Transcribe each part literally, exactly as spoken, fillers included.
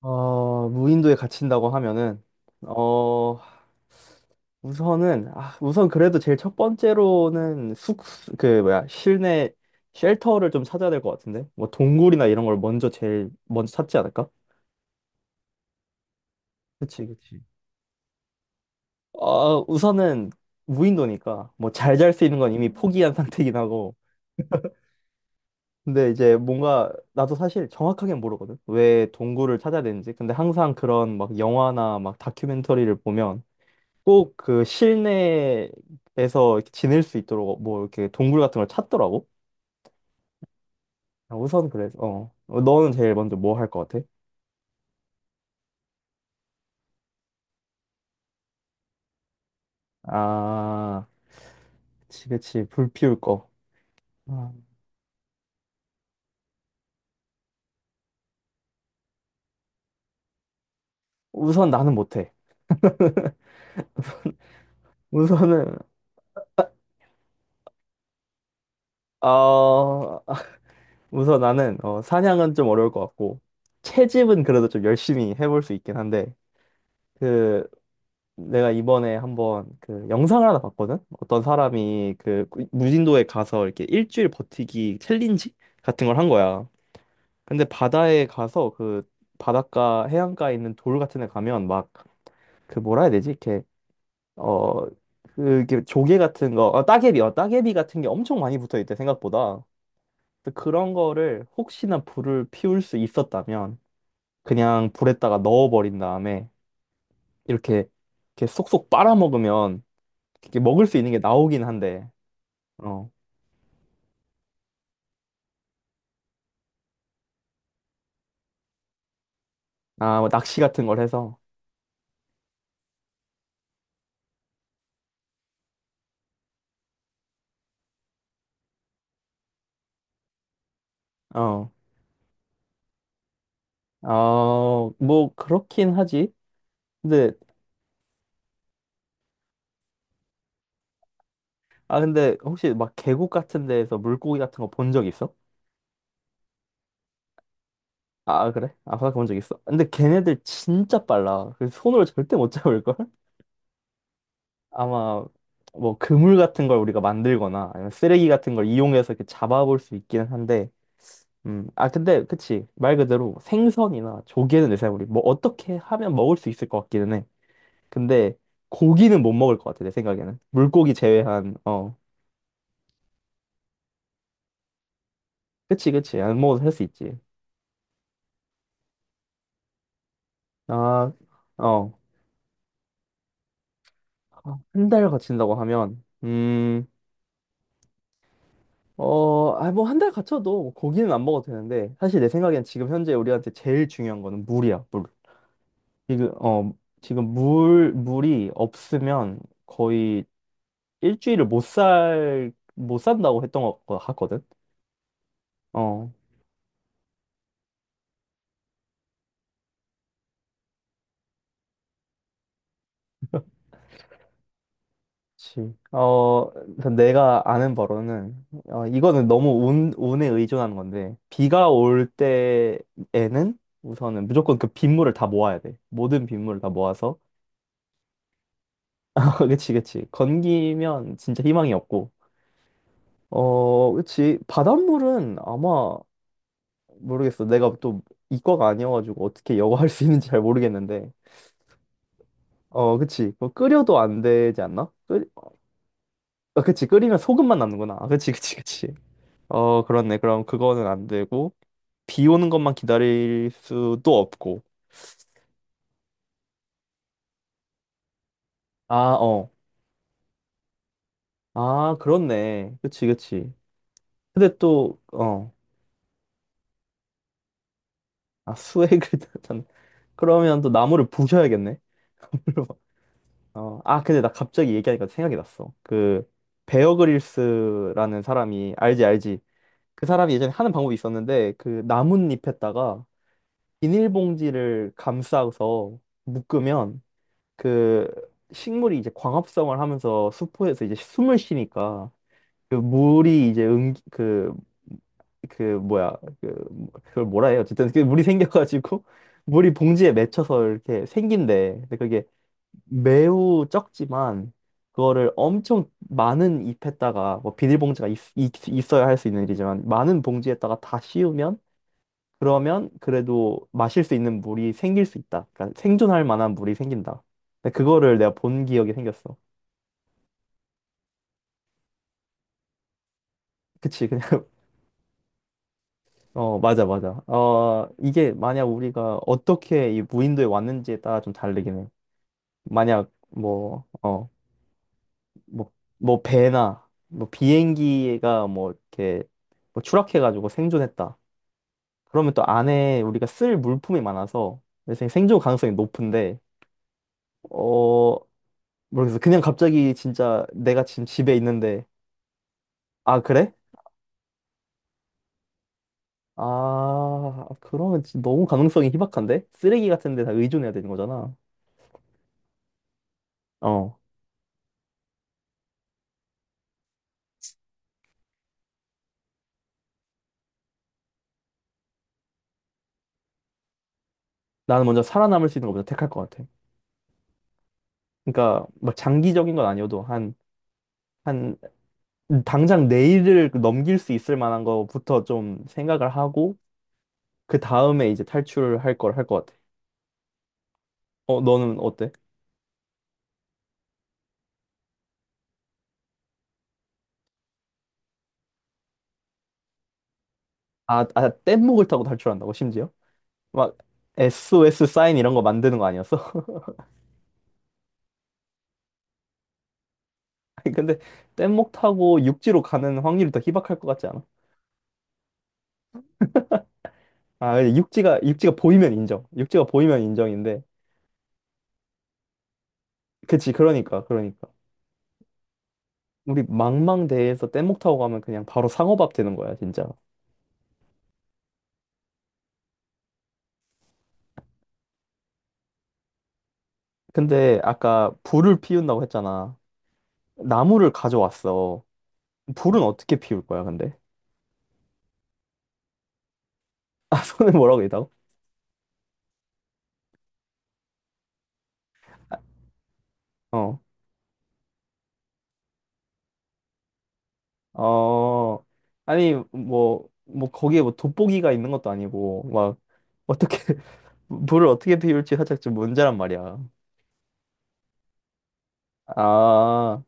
어, 무인도에 갇힌다고 하면은, 어, 우선은, 아, 우선 그래도 제일 첫 번째로는 숙, 그, 뭐야, 실내 쉘터를 좀 찾아야 될 것 같은데? 뭐, 동굴이나 이런 걸 먼저 제일 먼저 찾지 않을까? 그치, 그치. 어, 우선은 무인도니까, 뭐, 잘 잘 수 있는 건 이미 포기한 상태긴 하고, 근데 이제 뭔가, 나도 사실 정확하게 모르거든? 왜 동굴을 찾아야 되는지. 근데 항상 그런 막 영화나 막 다큐멘터리를 보면, 꼭 그 실내에서 이렇게 지낼 수 있도록 뭐 이렇게 동굴 같은 걸 찾더라고. 아, 우선 그래서 어. 어, 너는 제일 먼저 뭐 할 것 같아? 아, 그치, 그치, 불 피울 거. 아, 우선 나는 못해. 우선은 어 우선 나는 어, 사냥은 좀 어려울 것 같고 채집은 그래도 좀 열심히 해볼 수 있긴 한데 그 내가 이번에 한번 그 영상을 하나 봤거든? 어떤 사람이 그 무진도에 가서 이렇게 일주일 버티기 챌린지 같은 걸 한 거야. 근데 바다에 가서 그 바닷가 해안가에 있는 돌 같은 데 가면 막 그 뭐라 해야 되지? 이렇게 어 그게 조개 같은 거, 어, 따개비, 어, 따개비 같은 게 엄청 많이 붙어 있대, 생각보다. 그래서 그런 거를 혹시나 불을 피울 수 있었다면 그냥 불에다가 넣어버린 다음에 이렇게 이렇게 쏙쏙 빨아먹으면 이렇게 먹을 수 있는 게 나오긴 한데, 어, 아, 뭐 낚시 같은 걸 해서, 어, 어, 뭐 그렇긴 하지. 근데, 아, 근데 혹시 막 계곡 같은 데에서 물고기 같은 거 본 적 있어? 아, 그래? 아, 바닷가 본적 있어? 근데 걔네들 진짜 빨라. 그 손으로 절대 못 잡을걸? 아마 뭐 그물 같은 걸 우리가 만들거나 아니면 쓰레기 같은 걸 이용해서 이렇게 잡아볼 수 있기는 한데, 음, 아, 근데 그치. 말 그대로 생선이나 조개는 내 생각에 우리 뭐 어떻게 하면 먹을 수 있을 것 같기는 해. 근데 고기는 못 먹을 것 같아, 내 생각에는. 물고기 제외한, 어. 그치, 그치. 안 먹어도 할 수 있지. 아, 어. 한 달 갇힌다고 하면, 음, 어, 아, 뭐 한 달 갇혀도 뭐 고기는 안 먹어도 되는데, 사실 내 생각엔 지금 현재 우리한테 제일 중요한 거는 물이야, 물. 지금, 어, 지금 물, 물이 없으면 거의 일주일을 못 살, 못 산다고 했던 것 같거든? 어. 그치. 어, 내가 아는 바로는, 어, 이거는 너무 운, 운에 의존하는 건데, 비가 올 때에는 우선은 무조건 그 빗물을 다 모아야 돼. 모든 빗물을 다 모아서. 그치, 그치. 건기면 진짜 희망이 없고. 어, 그치. 바닷물은 아마, 모르겠어. 내가 또 이과가 아니어가지고 어떻게 여과할 수 있는지 잘 모르겠는데. 어, 그치. 뭐 끓여도 안 되지 않나? 끓, 아, 그치. 끓이면 소금만 남는구나. 아, 그치, 그치, 그치. 어, 그렇네. 그럼 그거는 안 되고, 비 오는 것만 기다릴 수도 없고. 아, 어. 아, 그렇네. 그치, 그치. 근데 또, 어. 아, 수액을 단 그러면 또 나무를 부셔야겠네. 나무를 어. 아, 근데 나 갑자기 얘기하니까 생각이 났어. 그, 베어 그릴스라는 사람이, 알지, 알지. 그 사람이 예전에 하는 방법이 있었는데, 그 나뭇잎에다가 비닐봉지를 감싸서 묶으면 그 식물이 이제 광합성을 하면서 수포에서 이제 숨을 쉬니까 그 물이 이제 응 그 그 뭐야 그 뭐- 그걸 뭐라 해요, 어쨌든 그 물이 생겨가지고 물이 봉지에 맺혀서 이렇게 생긴대. 근데 그게 매우 적지만 그거를 엄청 많은 잎에다가 뭐 비닐봉지가 있, 있, 있어야 할 수 있는 일이지만 많은 봉지에다가 다 씌우면 그러면 그래도 마실 수 있는 물이 생길 수 있다. 그러니까 생존할 만한 물이 생긴다. 근데 그거를 내가 본 기억이 생겼어. 그치, 그냥. 어 맞아, 맞아. 어 이게 만약 우리가 어떻게 이 무인도에 왔는지에 따라 좀 다르긴 해. 만약 뭐 어 뭐 뭐 배나 뭐 비행기가 뭐 이렇게 뭐 추락해가지고 생존했다. 그러면 또 안에 우리가 쓸 물품이 많아서 내 생존 가능성이 높은데. 어, 모르겠어. 그냥 갑자기 진짜 내가 지금 집에 있는데, 아, 그래? 아, 그러면 진짜 너무 가능성이 희박한데? 쓰레기 같은 데 다 의존해야 되는 거잖아. 어. 나는 먼저 살아남을 수 있는 거 먼저 택할 것 같아. 그러니까, 막 장기적인 건 아니어도 한, 한, 당장 내일을 넘길 수 있을 만한 거부터 좀 생각을 하고, 그 다음에 이제 탈출할 걸 할 것 같아. 어, 너는 어때? 아, 아, 뗏목을 타고 탈출한다고, 심지어? 막, 에스 오 에스 사인 이런 거 만드는 거 아니었어? 아니, 근데 뗏목 타고 육지로 가는 확률이 더 희박할 것 같지 않아? 아, 육지가 육지가 보이면 인정. 육지가 보이면 인정인데. 그치, 그러니까, 그러니까. 우리 망망대해에서 뗏목 타고 가면 그냥 바로 상어밥 되는 거야, 진짜. 근데 아까 불을 피운다고 했잖아. 나무를 가져왔어. 불은 어떻게 피울 거야, 근데? 아, 손에 뭐라고 있다고? 어, 어, 아니, 뭐, 뭐, 거기에 뭐 돋보기가 있는 것도 아니고, 막, 어떻게, 불을 어떻게 피울지 살짝 좀 문제란 말이야. 아,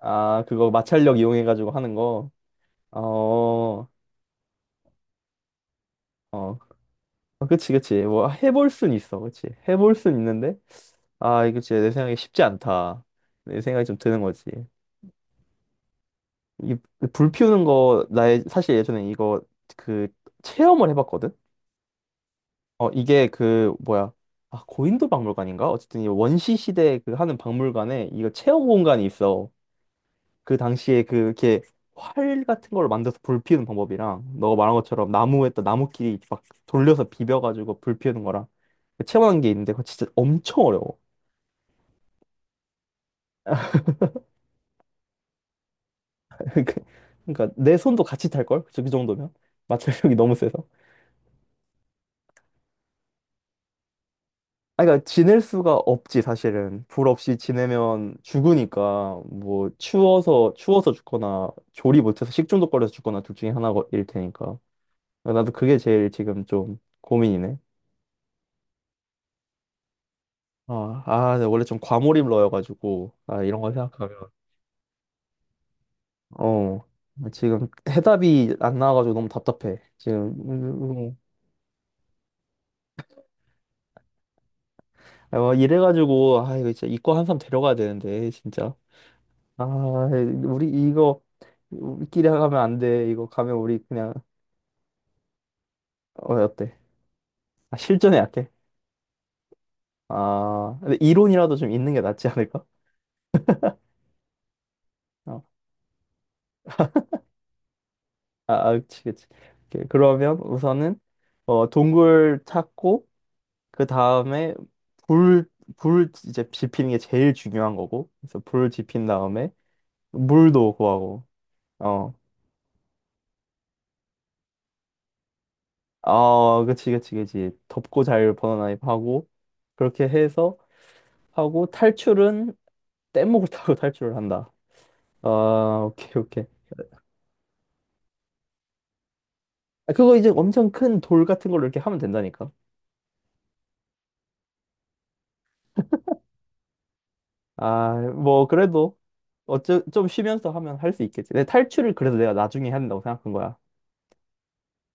아, 그거 마찰력 이용해가지고 하는 거. 어, 어, 어, 그치, 그치. 뭐, 해볼 순 있어. 그치. 해볼 순 있는데, 아, 이거 진짜 내 생각에 쉽지 않다. 내 생각이 좀 드는 거지. 이, 불 피우는 거, 나의, 사실 예전에 이거, 그, 체험을 해봤거든? 어, 이게 그, 뭐야. 아, 고인도 박물관인가? 어쨌든 이 원시 시대 그 하는 박물관에 이거 체험 공간이 있어. 그 당시에 그 이렇게 활 같은 걸 만들어서 불 피우는 방법이랑 너가 말한 것처럼 나무에다 나무끼리 막 돌려서 비벼가지고 불 피우는 거랑 체험한 게 있는데 그거 진짜 엄청 어려워. 그러니까 내 손도 같이 탈 걸? 그 정도면 마찰력이 너무 세서. 아니, 그러니까 지낼 수가 없지. 사실은 불 없이 지내면 죽으니까 뭐 추워서 추워서 죽거나 조리 못해서 식중독 걸려서 죽거나 둘 중에 하나일 테니까. 나도 그게 제일 지금 좀 고민이네. 어, 아, 네, 원래 좀 과몰입러여가지고, 아, 이런 거 생각하면, 어, 지금 해답이 안 나와가지고 너무 답답해. 지금, 음, 음. 아, 뭐 이래가지고, 아, 이거 진짜 이과 한 사람 데려가야 되는데, 진짜. 아, 우리 이거, 우리끼리 가면 안 돼. 이거 가면 우리 그냥, 어, 어때? 아, 실전에 약해. 아, 근데 이론이라도 좀 있는 게 낫지 않을까? 어, 아, 아, 그치, 그치. 오케이, 그러면 우선은, 어, 동굴 찾고, 그 다음에 불, 불 이제 지피는 게 제일 중요한 거고. 그래서 불 지핀 다음에 물도 구하고. 어. 아, 그치, 그치, 그치. 덥고 잘 번화나입 하고. 그렇게 해서 하고 탈출은 뗏목을 타고 탈출을 한다. 아, 오케이, 오케이. 아, 그거 이제 엄청 큰 돌 같은 걸로 이렇게 하면 된다니까. 아, 뭐, 그래도 어쩌, 좀 쉬면서 하면 할 수 있겠지. 내 탈출을 그래서 내가 나중에 해야 된다고 생각한 거야.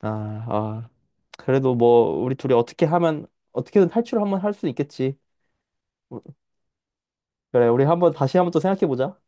아, 아, 그래도 뭐 우리 둘이 어떻게 하면 어떻게든 탈출을 한번 할 수 있겠지. 그래, 우리 한번 다시 한번 또 생각해 보자.